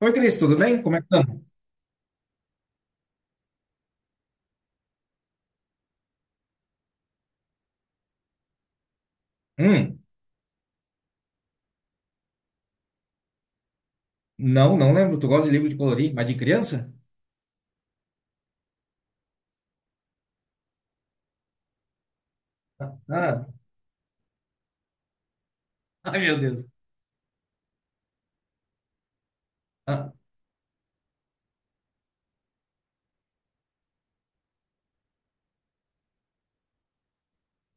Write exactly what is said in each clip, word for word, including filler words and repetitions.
Oi, Cris, tudo bem? Como é que estamos? Hum. Não, não lembro. Tu gosta de livro de colorir, mas de criança? Ah, ah. Ai, meu Deus. Ah,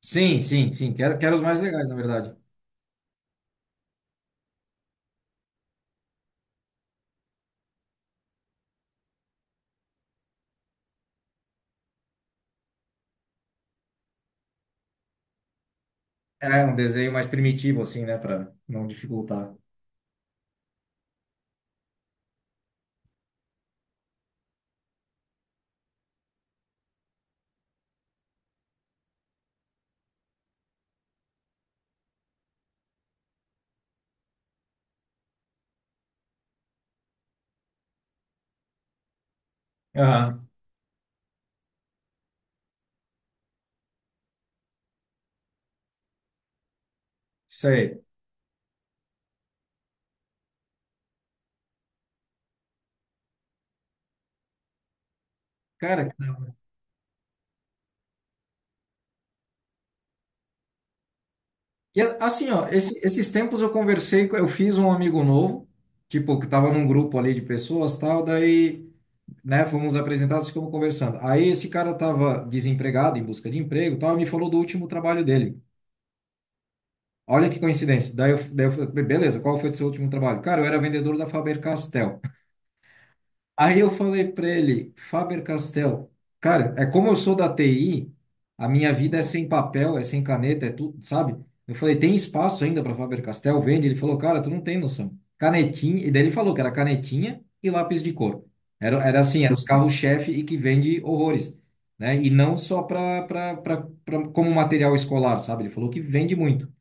sim, sim, sim. Quero, quero os mais legais, na verdade. É, um desenho mais primitivo, assim, né? Pra não dificultar. Ah, isso aí. Cara, e a- assim, ó, esse- esses tempos eu conversei, com- eu fiz um amigo novo, tipo, que tava num grupo ali de pessoas, tal, daí, né, fomos apresentados, ficamos conversando. Aí esse cara tava desempregado, em busca de emprego, tal, e me falou do último trabalho dele. Olha que coincidência. Daí eu, daí eu falei, beleza, qual foi o seu último trabalho? Cara, eu era vendedor da Faber-Castell. Aí eu falei para ele, Faber-Castell, cara, é como eu sou da T I, a minha vida é sem papel, é sem caneta, é tudo, sabe? Eu falei, tem espaço ainda para Faber-Castell? Vende? Ele falou, cara, tu não tem noção. Canetinha, e daí ele falou que era canetinha e lápis de cor. Era, era assim, era os carros-chefe e que vende horrores, né? E não só para para como material escolar, sabe? Ele falou que vende muito.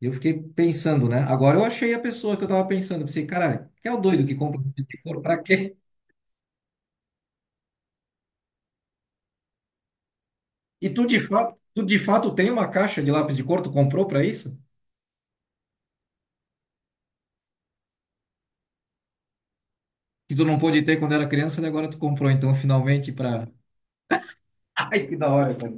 E eu fiquei pensando, né? Agora eu achei a pessoa que eu tava pensando. Eu pensei, caralho, que é o doido que compra lápis de cor pra quê? E tu de fato, tu de fato tem uma caixa de lápis de cor, tu comprou pra isso? Que tu não pôde ter quando era criança e agora tu comprou, então, finalmente pra. Ai, que da hora, cara.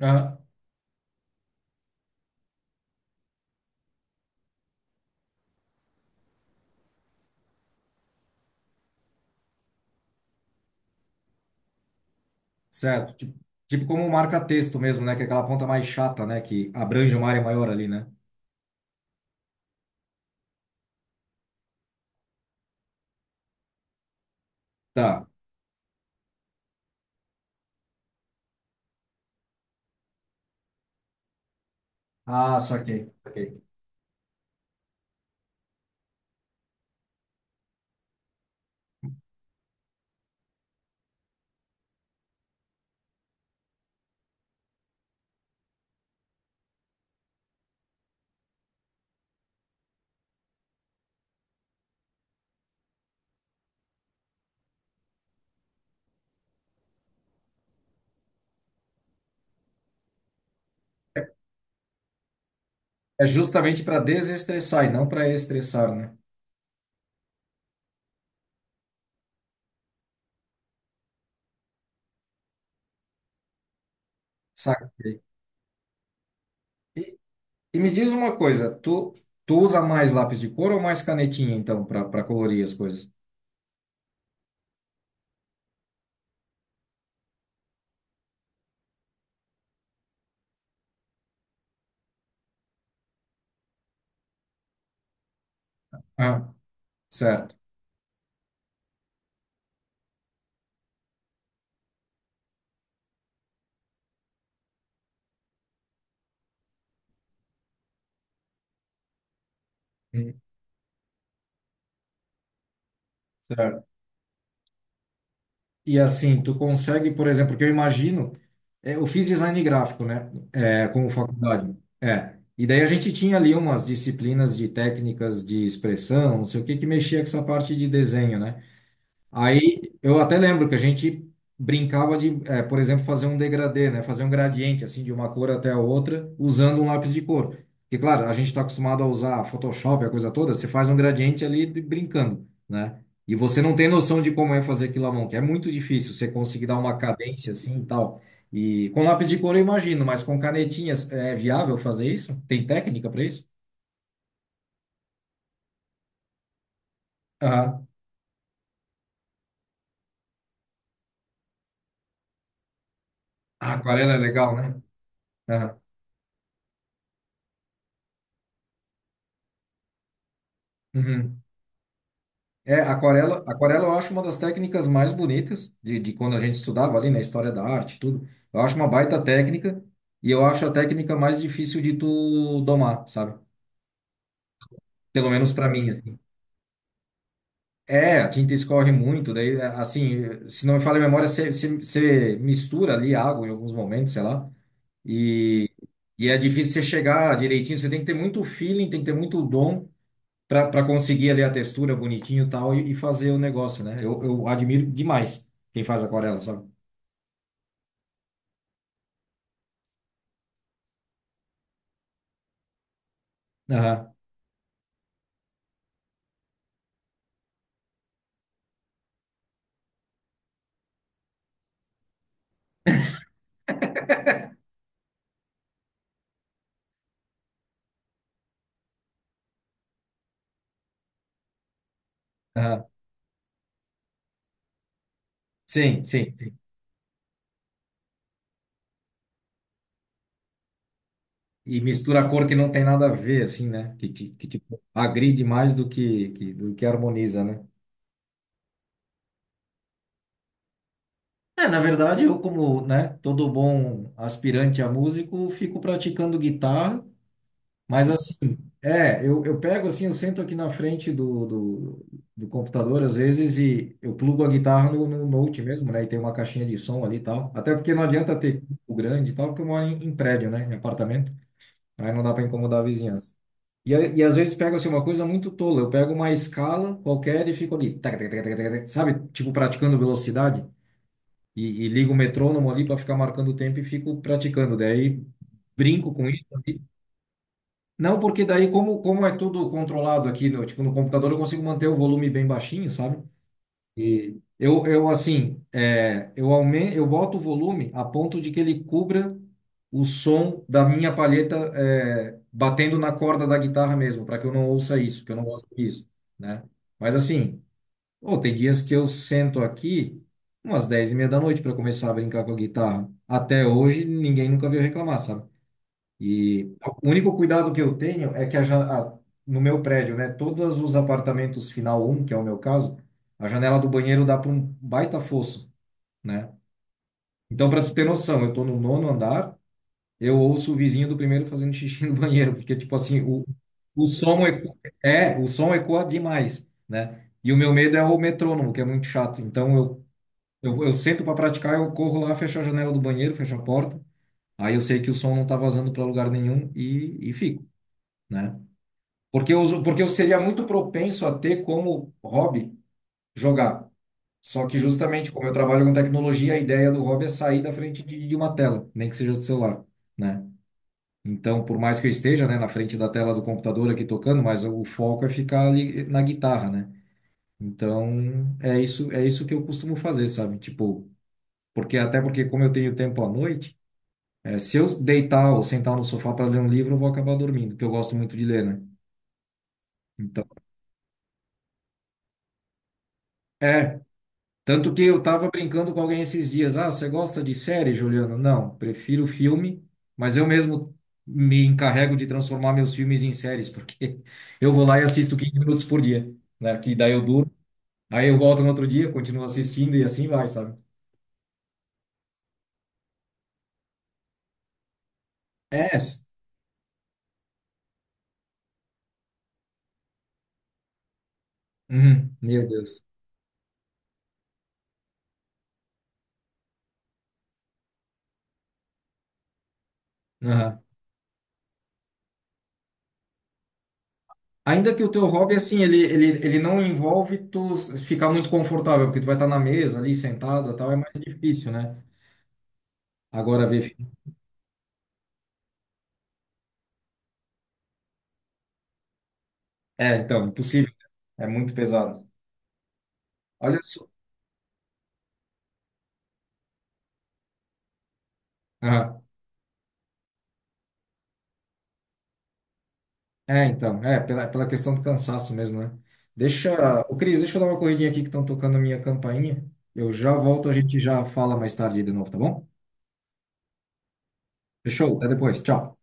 Ah, certo. Tipo, tipo como um marca-texto mesmo, né? Que é aquela ponta mais chata, né? Que abrange uma área maior ali, né? Tá. Ah, saquei. Saquei. É justamente para desestressar e não para estressar, né? Saquei. E me diz uma coisa, tu, tu usa mais lápis de cor ou mais canetinha, então, para para colorir as coisas? Ah, certo. Hum. Certo. E assim, tu consegue, por exemplo, que eu imagino, é, eu fiz design gráfico, né? É, como faculdade. É. E daí a gente tinha ali umas disciplinas de técnicas de expressão, não sei o que, que mexia com essa parte de desenho, né? Aí eu até lembro que a gente brincava de, eh, por exemplo, fazer um degradê, né? Fazer um gradiente assim de uma cor até a outra usando um lápis de cor. Porque, claro, a gente está acostumado a usar Photoshop, a coisa toda, você faz um gradiente ali de- brincando, né? E você não tem noção de como é fazer aquilo à mão, que é muito difícil você conseguir dar uma cadência assim e tal. E com lápis de cor eu imagino, mas com canetinhas é viável fazer isso? Tem técnica para isso? Aham. A aquarela é legal, né? Aham. Uhum. É, aquarela, aquarela eu acho uma das técnicas mais bonitas de, de quando a gente estudava ali na história da arte, e tudo. Eu acho uma baita técnica e eu acho a técnica mais difícil de tu domar, sabe? Pelo menos para mim, assim. É, a tinta escorre muito, daí é, assim, se não me falha a memória, você você- você mistura ali água em alguns momentos, sei lá, e, e é difícil você chegar direitinho, você tem que ter muito feeling, tem que ter muito dom para conseguir ali a textura bonitinho e tal e, e fazer o negócio, né? Eu, eu admiro demais quem faz aquarela, sabe? Aham, aham. Sim, sim, sim. E mistura a cor que não tem nada a ver, assim, né? Que, que, que tipo, agride mais do que, que, do que harmoniza, né? É, na verdade, eu como, né, todo bom aspirante a músico, fico praticando guitarra. Mas assim, é, eu, eu pego assim, eu sento aqui na frente do, do, do computador às vezes e eu plugo a guitarra no, no Note mesmo, né? E tem uma caixinha de som ali e tal. Até porque não adianta ter o grande e tal, porque eu moro em, em prédio, né? Em apartamento. Aí não dá para incomodar a vizinhança. E, a- e às vezes pego assim uma coisa muito tola. Eu pego uma escala qualquer e fico ali, tac, tac, tac, tac, tac, tac, sabe? Tipo praticando velocidade. E, e ligo o metrônomo ali para ficar marcando o tempo e fico praticando. Daí brinco com isso. Não, porque daí, como, como é tudo controlado aqui, no, tipo, no computador, eu consigo manter o volume bem baixinho, sabe? E eu, eu assim, é, eu aumento, eu boto o volume a ponto de que ele cubra o som da minha palheta, é, batendo na corda da guitarra mesmo, para que eu não ouça isso, que eu não gosto disso, né? Mas assim, pô, tem dias que eu sento aqui umas dez e meia da noite para começar a brincar com a guitarra. Até hoje, ninguém nunca veio reclamar, sabe? E o único cuidado que eu tenho é que a, ja- a, no meu prédio, né, todos os apartamentos final um, que é o meu caso, a janela do banheiro dá para um baita fosso, né? Então, para tu ter noção, eu tô no nono andar, eu ouço o vizinho do primeiro fazendo xixi no banheiro, porque tipo assim, o, o som eco- é, o som ecoa demais, né? E o meu medo é o metrônomo, que é muito chato. Então, eu eu, eu sento para praticar, eu corro lá, fecho a janela do banheiro, fecho a porta. Aí eu sei que o som não tá vazando para lugar nenhum e, e fico, né? Porque eu, uso- porque eu seria muito propenso a ter como hobby jogar. Só que justamente como eu trabalho com tecnologia, a ideia do hobby é sair da frente de, de uma tela, nem que seja do celular, né? Então, por mais que eu esteja, né, na frente da tela do computador aqui tocando, mas o foco é ficar ali na guitarra, né? Então, é isso, é isso que eu costumo fazer, sabe? Tipo, porque até porque como eu tenho tempo à noite, eh, se eu deitar ou sentar no sofá para ler um livro, eu vou acabar dormindo, porque eu gosto muito de ler, né? Então, é. Tanto que eu tava brincando com alguém esses dias. Ah, você gosta de série, Juliano? Não, prefiro filme, mas eu mesmo me encarrego de transformar meus filmes em séries, porque eu vou lá e assisto quinze minutos por dia, né? Que daí eu durmo, aí eu volto no outro dia, continuo assistindo e assim vai, sabe? É. s- Uhum. Meu Deus. Aham. Ainda que o teu hobby, assim, ele, ele, ele não envolve tu s- ficar muito confortável, porque tu vai estar na mesa ali, sentada, tal, é mais difícil, né? Agora ver filme. É, então, impossível, né? É muito pesado. Olha só. Aham. É, então, é, pela, pela questão do cansaço mesmo, né? Deixa. Ô, Cris, deixa eu dar uma corridinha aqui que estão tocando a minha campainha. Eu já volto, a gente já fala mais tarde de novo, tá bom? Fechou? Até depois. Tchau.